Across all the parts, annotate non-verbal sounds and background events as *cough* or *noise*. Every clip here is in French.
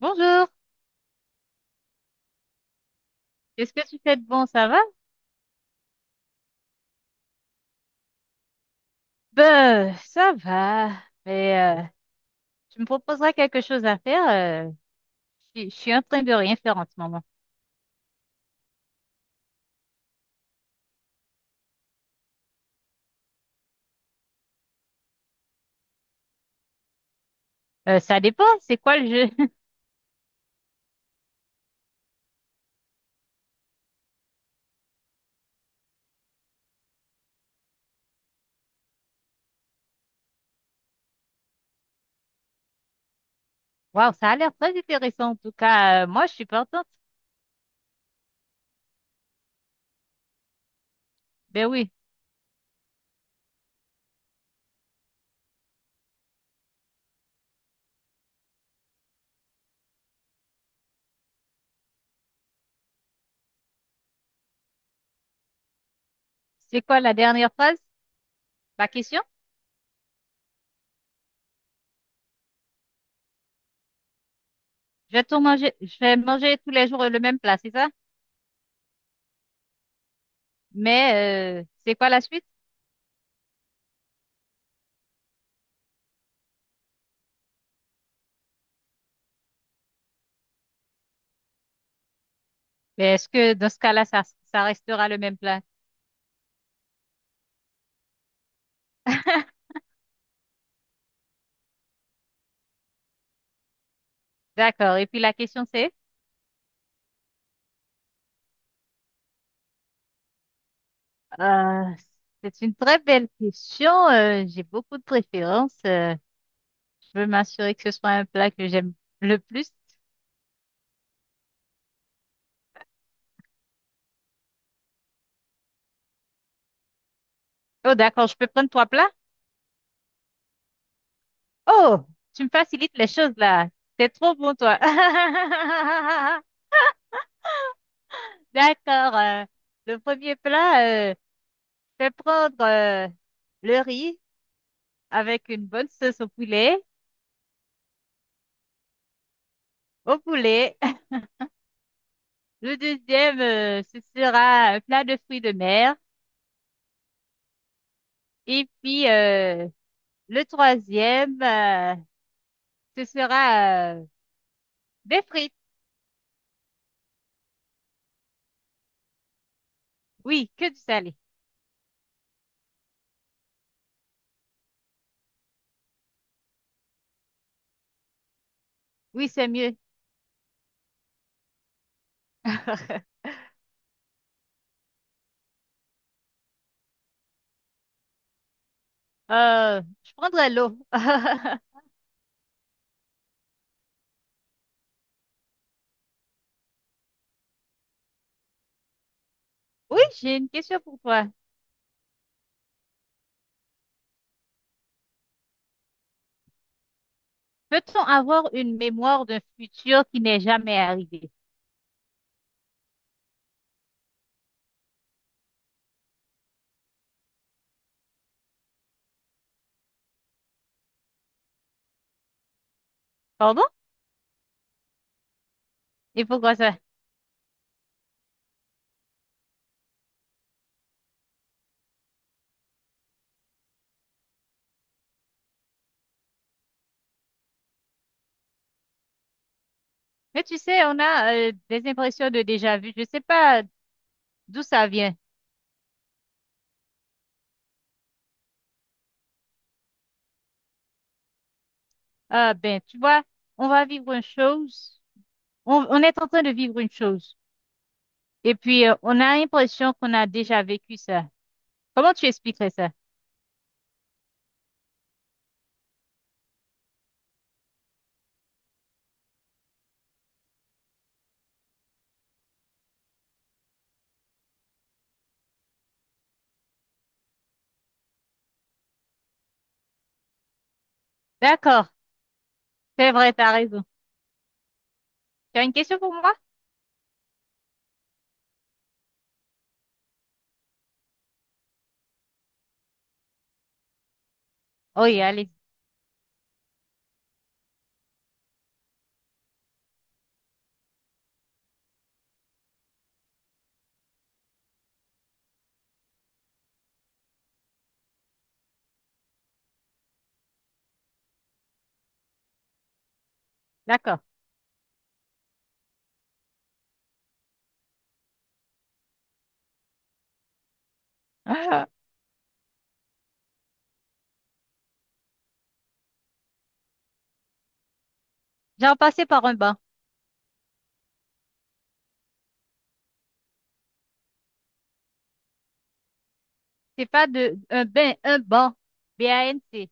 Bonjour, qu'est-ce que tu fais de bon, ça va? Ben, ça va, mais tu me proposeras quelque chose à faire. euh, je suis en train de rien faire en ce moment. Ça dépend, c'est quoi le jeu? *laughs* Waouh, ça a l'air très intéressant en tout cas. Moi, je suis partante. Ben oui, c'est quoi la dernière phrase? Ma question? Je vais tout manger, je vais manger tous les jours le même plat, c'est ça? Mais c'est quoi la suite? Mais est-ce que dans ce cas-là, ça restera le même plat? *laughs* D'accord, et puis la question c'est? Euh, c'est une très belle question. J'ai beaucoup de préférences. Je veux m'assurer que ce soit un plat que j'aime le plus. Oh, d'accord, je peux prendre trois plats? Oh, tu me facilites les choses là. T'es trop bon, toi. *laughs* D'accord. Le premier plat, je vais prendre le riz avec une bonne sauce au poulet. Au poulet. *laughs* Le deuxième, ce sera un plat de fruits de mer. Et puis, le troisième, ce sera des frites. Oui, que du salé. Oui, c'est mieux. *laughs* Je prendrai l'eau. *laughs* Oui, j'ai une question pour toi. Peut-on avoir une mémoire d'un futur qui n'est jamais arrivé? Pardon? Et pourquoi ça? Mais tu sais, on a des impressions de déjà vu. Je sais pas d'où ça vient. Ah ben, tu vois, on va vivre une chose. On est en train de vivre une chose. Et puis, on a l'impression qu'on a déjà vécu ça. Comment tu expliquerais ça? D'accord. C'est vrai, t'as raison. Tu as une question pour moi? Oui, allez, d'accord. *laughs* J'ai repassé par un banc. C'est pas de un bain, un banc. B-A-N-C.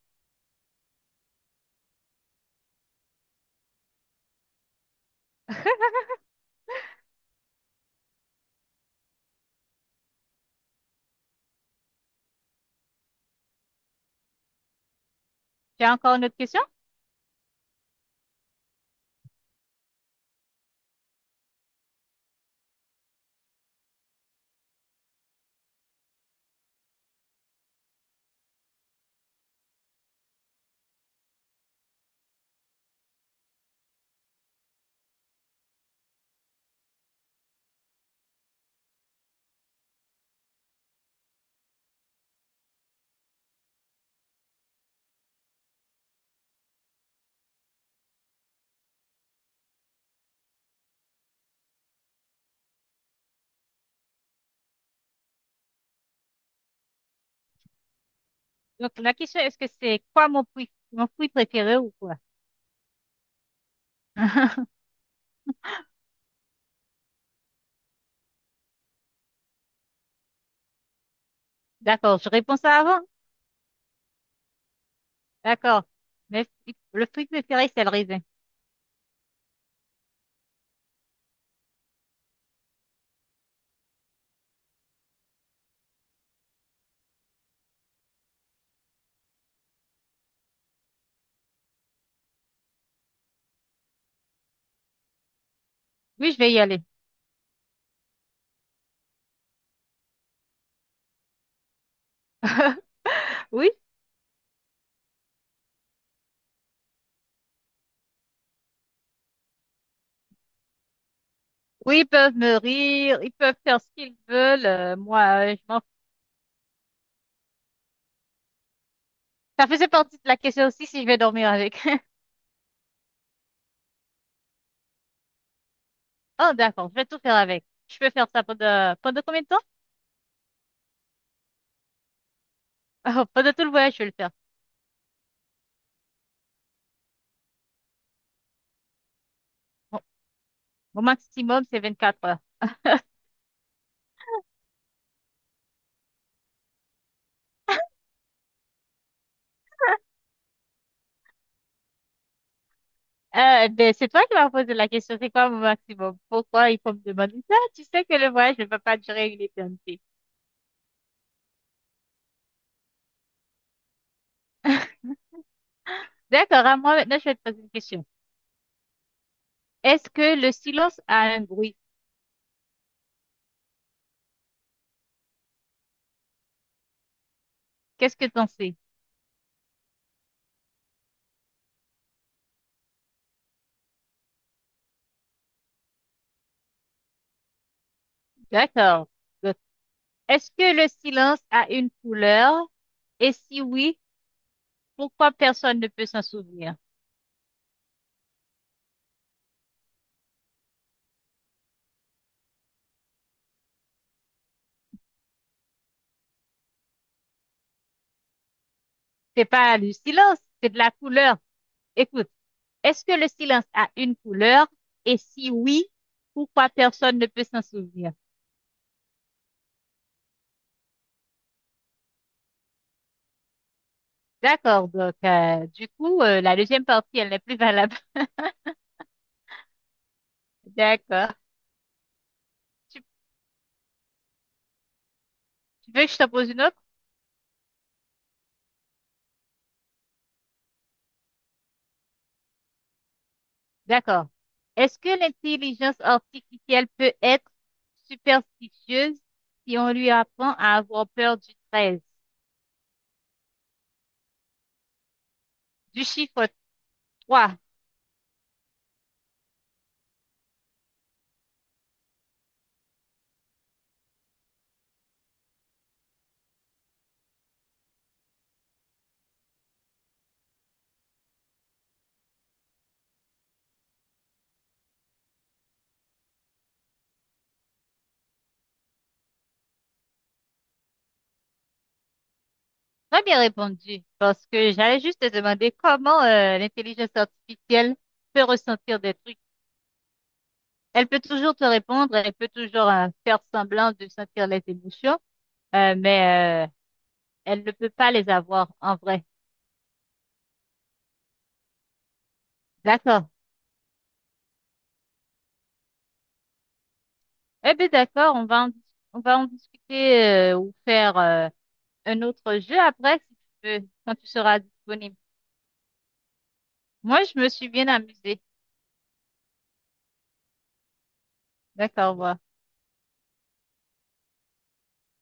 Tu as encore une autre question? Donc la question, est-ce que c'est quoi mon fruit préféré ou quoi? *laughs* D'accord, je réponds ça avant. D'accord. Mais le fruit préféré, c'est le raisin. Oui, je vais y aller. *laughs* Oui, oui, ils peuvent me rire, ils peuvent faire ce qu'ils veulent. Moi, je m'en fous. Ça faisait partie de la question aussi si je vais dormir avec. *laughs* Oh, d'accord, je vais tout faire avec. Je peux faire ça pendant, pendant combien de temps? *laughs* Oh, pendant tout le voyage, je vais le faire. Bon, mon maximum, c'est 24 heures. Ben, c'est toi qui m'as posé la question, c'est quoi mon maximum? Pourquoi il faut me demander ça? Tu sais que le voyage ne va pas durer une éternité. *laughs* D'accord, à moi maintenant, je vais te poser une question. Est-ce que le silence a un bruit? Qu'est-ce que t'en sais? D'accord. Est-ce que le silence a une couleur? Et si oui, pourquoi personne ne peut s'en souvenir? C'est pas du silence, c'est de la couleur. Écoute, est-ce que le silence a une couleur? Et si oui, pourquoi personne ne peut s'en souvenir? D'accord, donc du coup, la deuxième partie, elle n'est plus valable. *laughs* D'accord. Tu, Tu veux que je te pose une autre? D'accord. Est-ce que l'intelligence artificielle peut être superstitieuse si on lui apprend à avoir peur du 13? Du chiffre 3. Très bien répondu, parce que j'allais juste te demander comment l'intelligence artificielle peut ressentir des trucs. Elle peut toujours te répondre, elle peut toujours faire semblant de sentir les émotions, mais elle ne peut pas les avoir en vrai. D'accord. Eh bien, d'accord, on va en discuter ou faire un autre jeu après, si tu veux, quand tu seras disponible. Moi, je me suis bien amusée. D'accord, au revoir.